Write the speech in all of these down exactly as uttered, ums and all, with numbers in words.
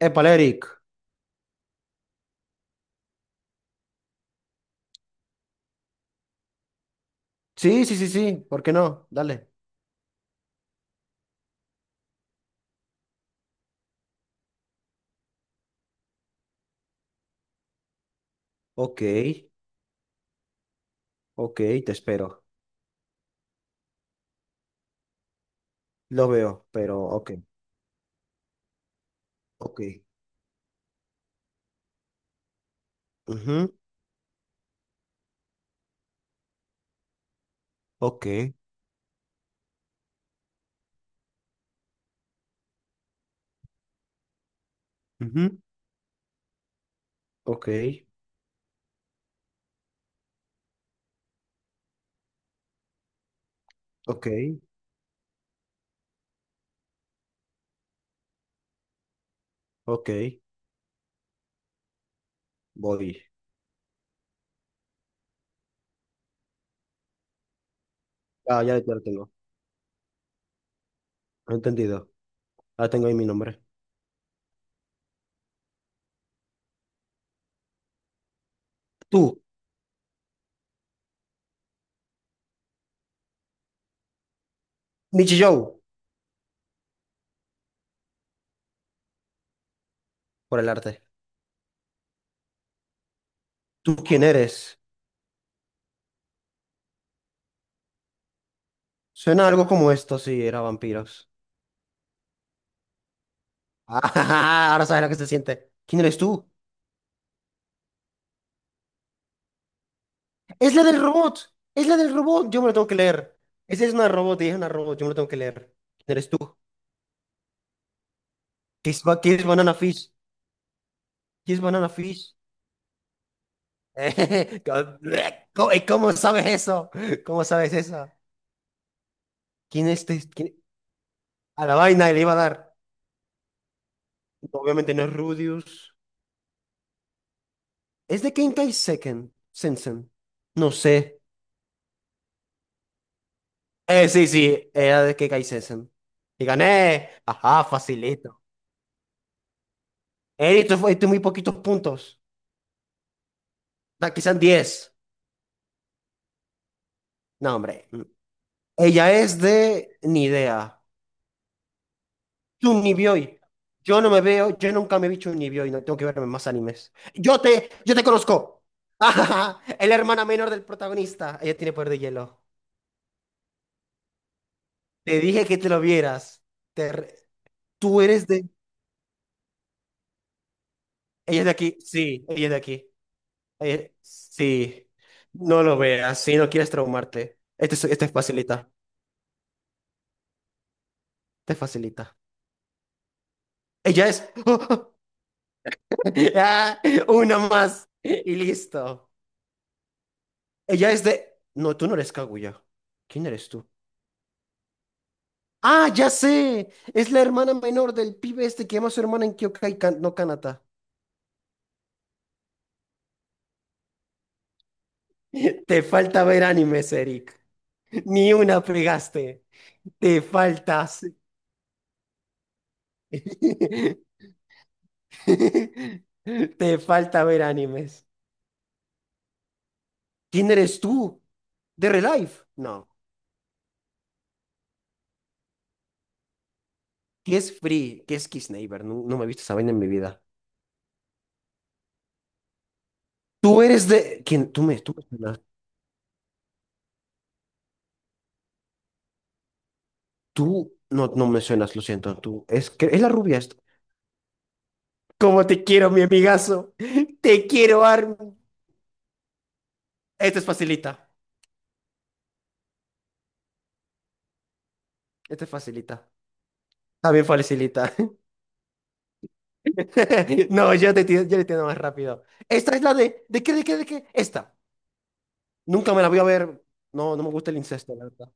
Épale, Eric. Sí, sí, sí, sí. ¿Por qué no? Dale. Ok, ok, te espero. Lo veo, pero ok, ok. Ujú, ok, ujú, ok, ok, ok. Voy. Ah, ya, ya lo tengo. Entendido. Ah, tengo ahí mi nombre. Tú, Michi Joe, por el arte. ¿Tú quién eres? Suena algo como esto si era vampiros. Ah, ahora sabes lo que se siente. ¿Quién eres tú? Es la del robot. Es la del robot. Yo me la tengo que leer. Esa es una robot y es una robot. Yo me la tengo que leer. ¿Quién eres tú? ¿Qué es, ba- qué es Banana Fish? ¿Qué es Banana Fish? ¿Cómo, y cómo sabes eso? ¿Cómo sabes eso? ¿Quién es este? quién- A la vaina le iba a dar. Obviamente no es Rudius. ¿Es de Kenkai Seken? Sensen. No sé. Eh, sí, sí. Era de Kenkai Sensen. Y gané. Ajá, facilito. Eh, esto fue, esto muy poquitos puntos. Da, quizás diez. No, hombre. Ella es de ni idea. Chunibyo. Yo no me veo, yo nunca me he visto un y no tengo que verme más animes. Yo te, yo te conozco. Es la hermana menor del protagonista. Ella tiene poder de hielo. Te dije que te lo vieras. Te re- Tú eres de. Ella es de aquí. Sí, ella es de aquí. Ella- Sí. No lo veas. Si no quieres traumarte. Este, es- este es facilita. Te facilita. Ella es. Ah, una más. Y listo. Ella es de... No, tú no eres Kaguya. ¿Quién eres tú? Ah, ya sé. Es la hermana menor del pibe este que llama a su hermana en Kyokai, Kan- no Kanata. Te falta ver animes, Eric. Ni una pegaste. Te faltas. Te falta ver animes. ¿Quién eres tú? ¿De Relife? No. ¿Qué es Free? ¿Qué es Kiss Neighbor? No, no me he visto esa vaina en mi vida. Tú eres de... ¿Quién? Tú me, tú me suenas. Tú no, no me suenas, lo siento. Tú es que es la rubia. Como te quiero, mi amigazo. Te quiero, Armin. Esta es facilita. Esta es facilita. También facilita. No, yo te entiendo, yo le entiendo más rápido. Esta es la de... ¿De qué, de qué, de qué? Esta. Nunca me la voy a ver. No, no me gusta el incesto, la verdad.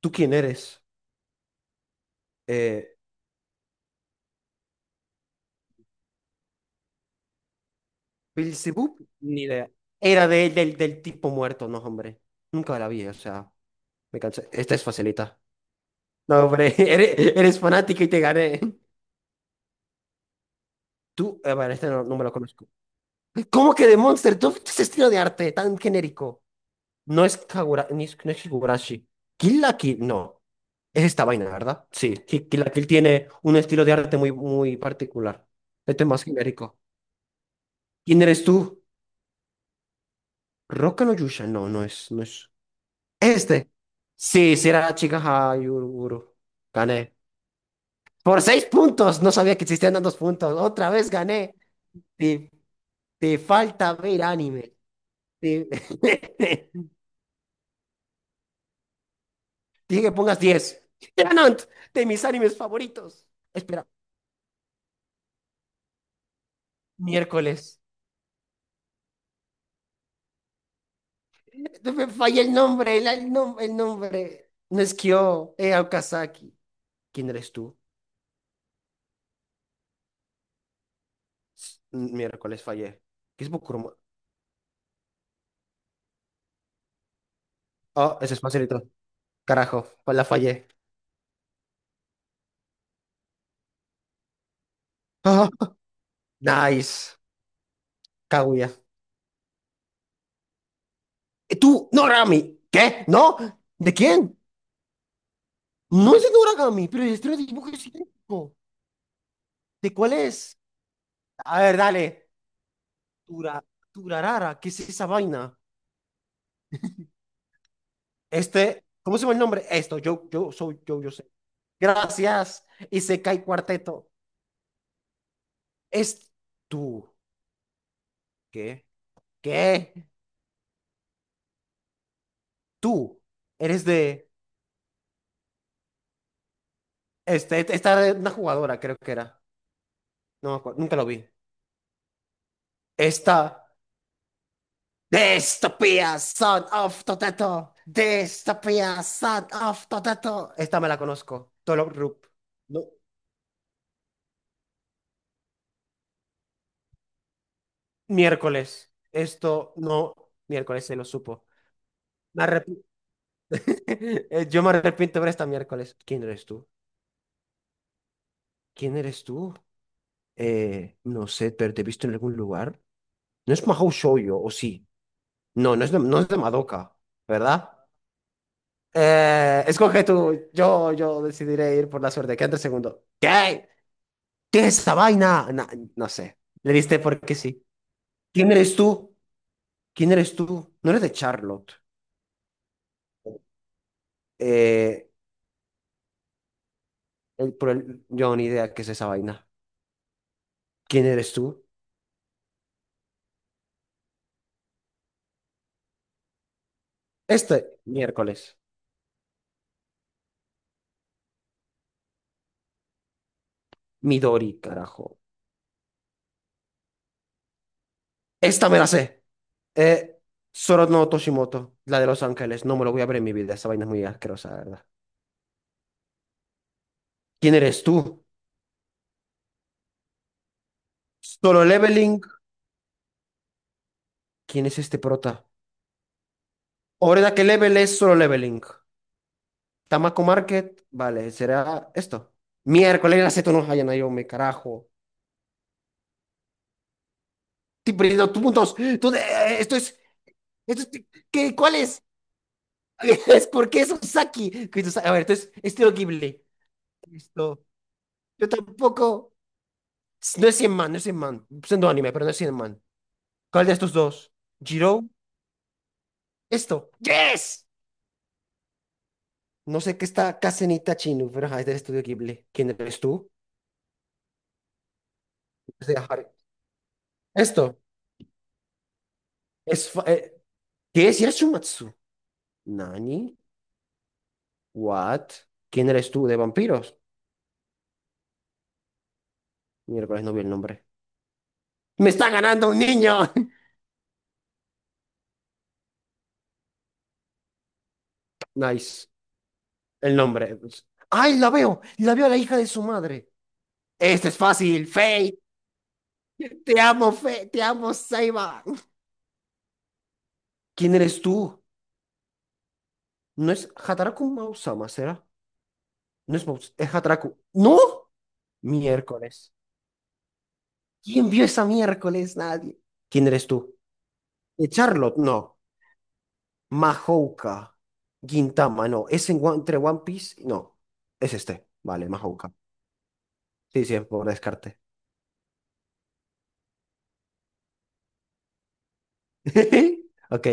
¿Tú quién eres? Eh, ¿Beelzebub? Ni idea. Era de- del, del tipo muerto, no, hombre. Nunca la vi, o sea, me cansé. Esta es facilita. No, hombre, eres, eres fanática y te gané. Tú, eh, bueno, este no, no me lo conozco. ¿Cómo que de Monster? Todo este estilo de arte tan genérico. No es Kagura, ni es- no es Higurashi. Kill la Kill, no. Es esta vaina, ¿verdad? Sí, Ki- Kill la Kill tiene un estilo de arte muy, muy particular. Este es más genérico. ¿Quién eres tú? Roca no Yusha. No, no es, no es. Este. Sí, será chica Hayuruguru. Gané. Por seis puntos. No sabía que existían tantos puntos. Otra vez gané. Te, te falta ver anime. Te- Dije que pongas diez. Tenant, de mis animes favoritos. Espera, miércoles. Me falla el nombre, el, el nom- el nombre. No es Kyo, eh, Okazaki. ¿Quién eres tú? Miércoles fallé. ¿Qué es Bokuruma? Oh, ese es facilito. Carajo, pues la fallé. Ah, nice. Kaguya. Eh, Tú, Noragami. ¿Qué? ¿No? ¿De quién? No es de Noragami, pero el estilo de dibujo es idéntico. ¿De cuál es? A ver, dale. Tura, Turarara, ¿qué es esa vaina? Este, ¿cómo se llama el nombre? Esto, yo, yo soy yo, yo sé. Gracias. Y se cae cuarteto. Es tú. ¿Qué? ¿Qué? Tú. Eres de. Este, esta era una jugadora, creo que era. No me acuerdo, nunca lo vi. Esta. Dystopia, son of Toteto. Dystopia, son of Toteto. Esta me la conozco. Tolo Rup. No, miércoles. Esto no. Miércoles se lo supo. Me arrep- Eh, yo me arrepiento de ver esta miércoles. ¿Quién eres tú? ¿Quién eres tú? Eh, no sé, pero te he visto en algún lugar. No es Mahou Shoujo, ¿o sí? No, no es de, no es de Madoka, ¿verdad? Eh, escoge tú. Yo, yo decidiré ir por la suerte. Quédate el segundo. ¿Qué? ¿Qué es esta vaina? Na- no sé. Le diste porque sí. ¿Quién eres tú? ¿Quién eres tú? No eres de Charlotte. Eh, el- por el- yo ni idea qué es esa vaina. ¿Quién eres tú? Este miércoles. Midori, carajo. Esta me la sé. Eh, Soro no Toshimoto, la de Los Ángeles. No me lo voy a ver en mi vida. Esa vaina es muy asquerosa, la verdad. ¿Quién eres tú? Solo Leveling. ¿Quién es este prota? Oreda, ¿qué level es Solo Leveling? Tamako Market. Vale, será esto. Miércoles, la seto no hayan yo me carajo. Estoy perdiendo tus puntos. Tú de- eh, Esto es. Esto es- ¿qué? ¿Cuál es? Es porque es Usaki. Que es Usaki. A ver, entonces, estilo Ghibli. Listo. Yo tampoco. No es cien man, no es cien man. Siendo anime, pero no es cien man. ¿Cuál de estos dos? Jiro, esto. ¡Yes! No sé qué está Casenita Chinu, pero ajá, es del estudio Ghibli. ¿Quién eres tú? Es de Harry. Esto. Es fa- eh, ¿qué es Yashumatsu? ¿Nani? ¿What? ¿Quién eres tú de vampiros? Miércoles no vi el nombre. ¡Me está ganando un niño! Nice. El nombre, pues. ¡Ay, la veo! La veo a la hija de su madre. Este es fácil, Faye. Te amo, Faye. Te amo, Seiba. ¿Quién eres tú? ¿No es Hataraku Mausama, será? No es Mouse, es Hatraku. ¿No? Miércoles. ¿Quién vio esa miércoles? Nadie. ¿Quién eres tú? Eh, Charlotte, no. Mahouka. Gintama, no. ¿Es en One- entre One Piece? No. Es este. Vale, Mahouka. Sí, sí, por descarte. Ok.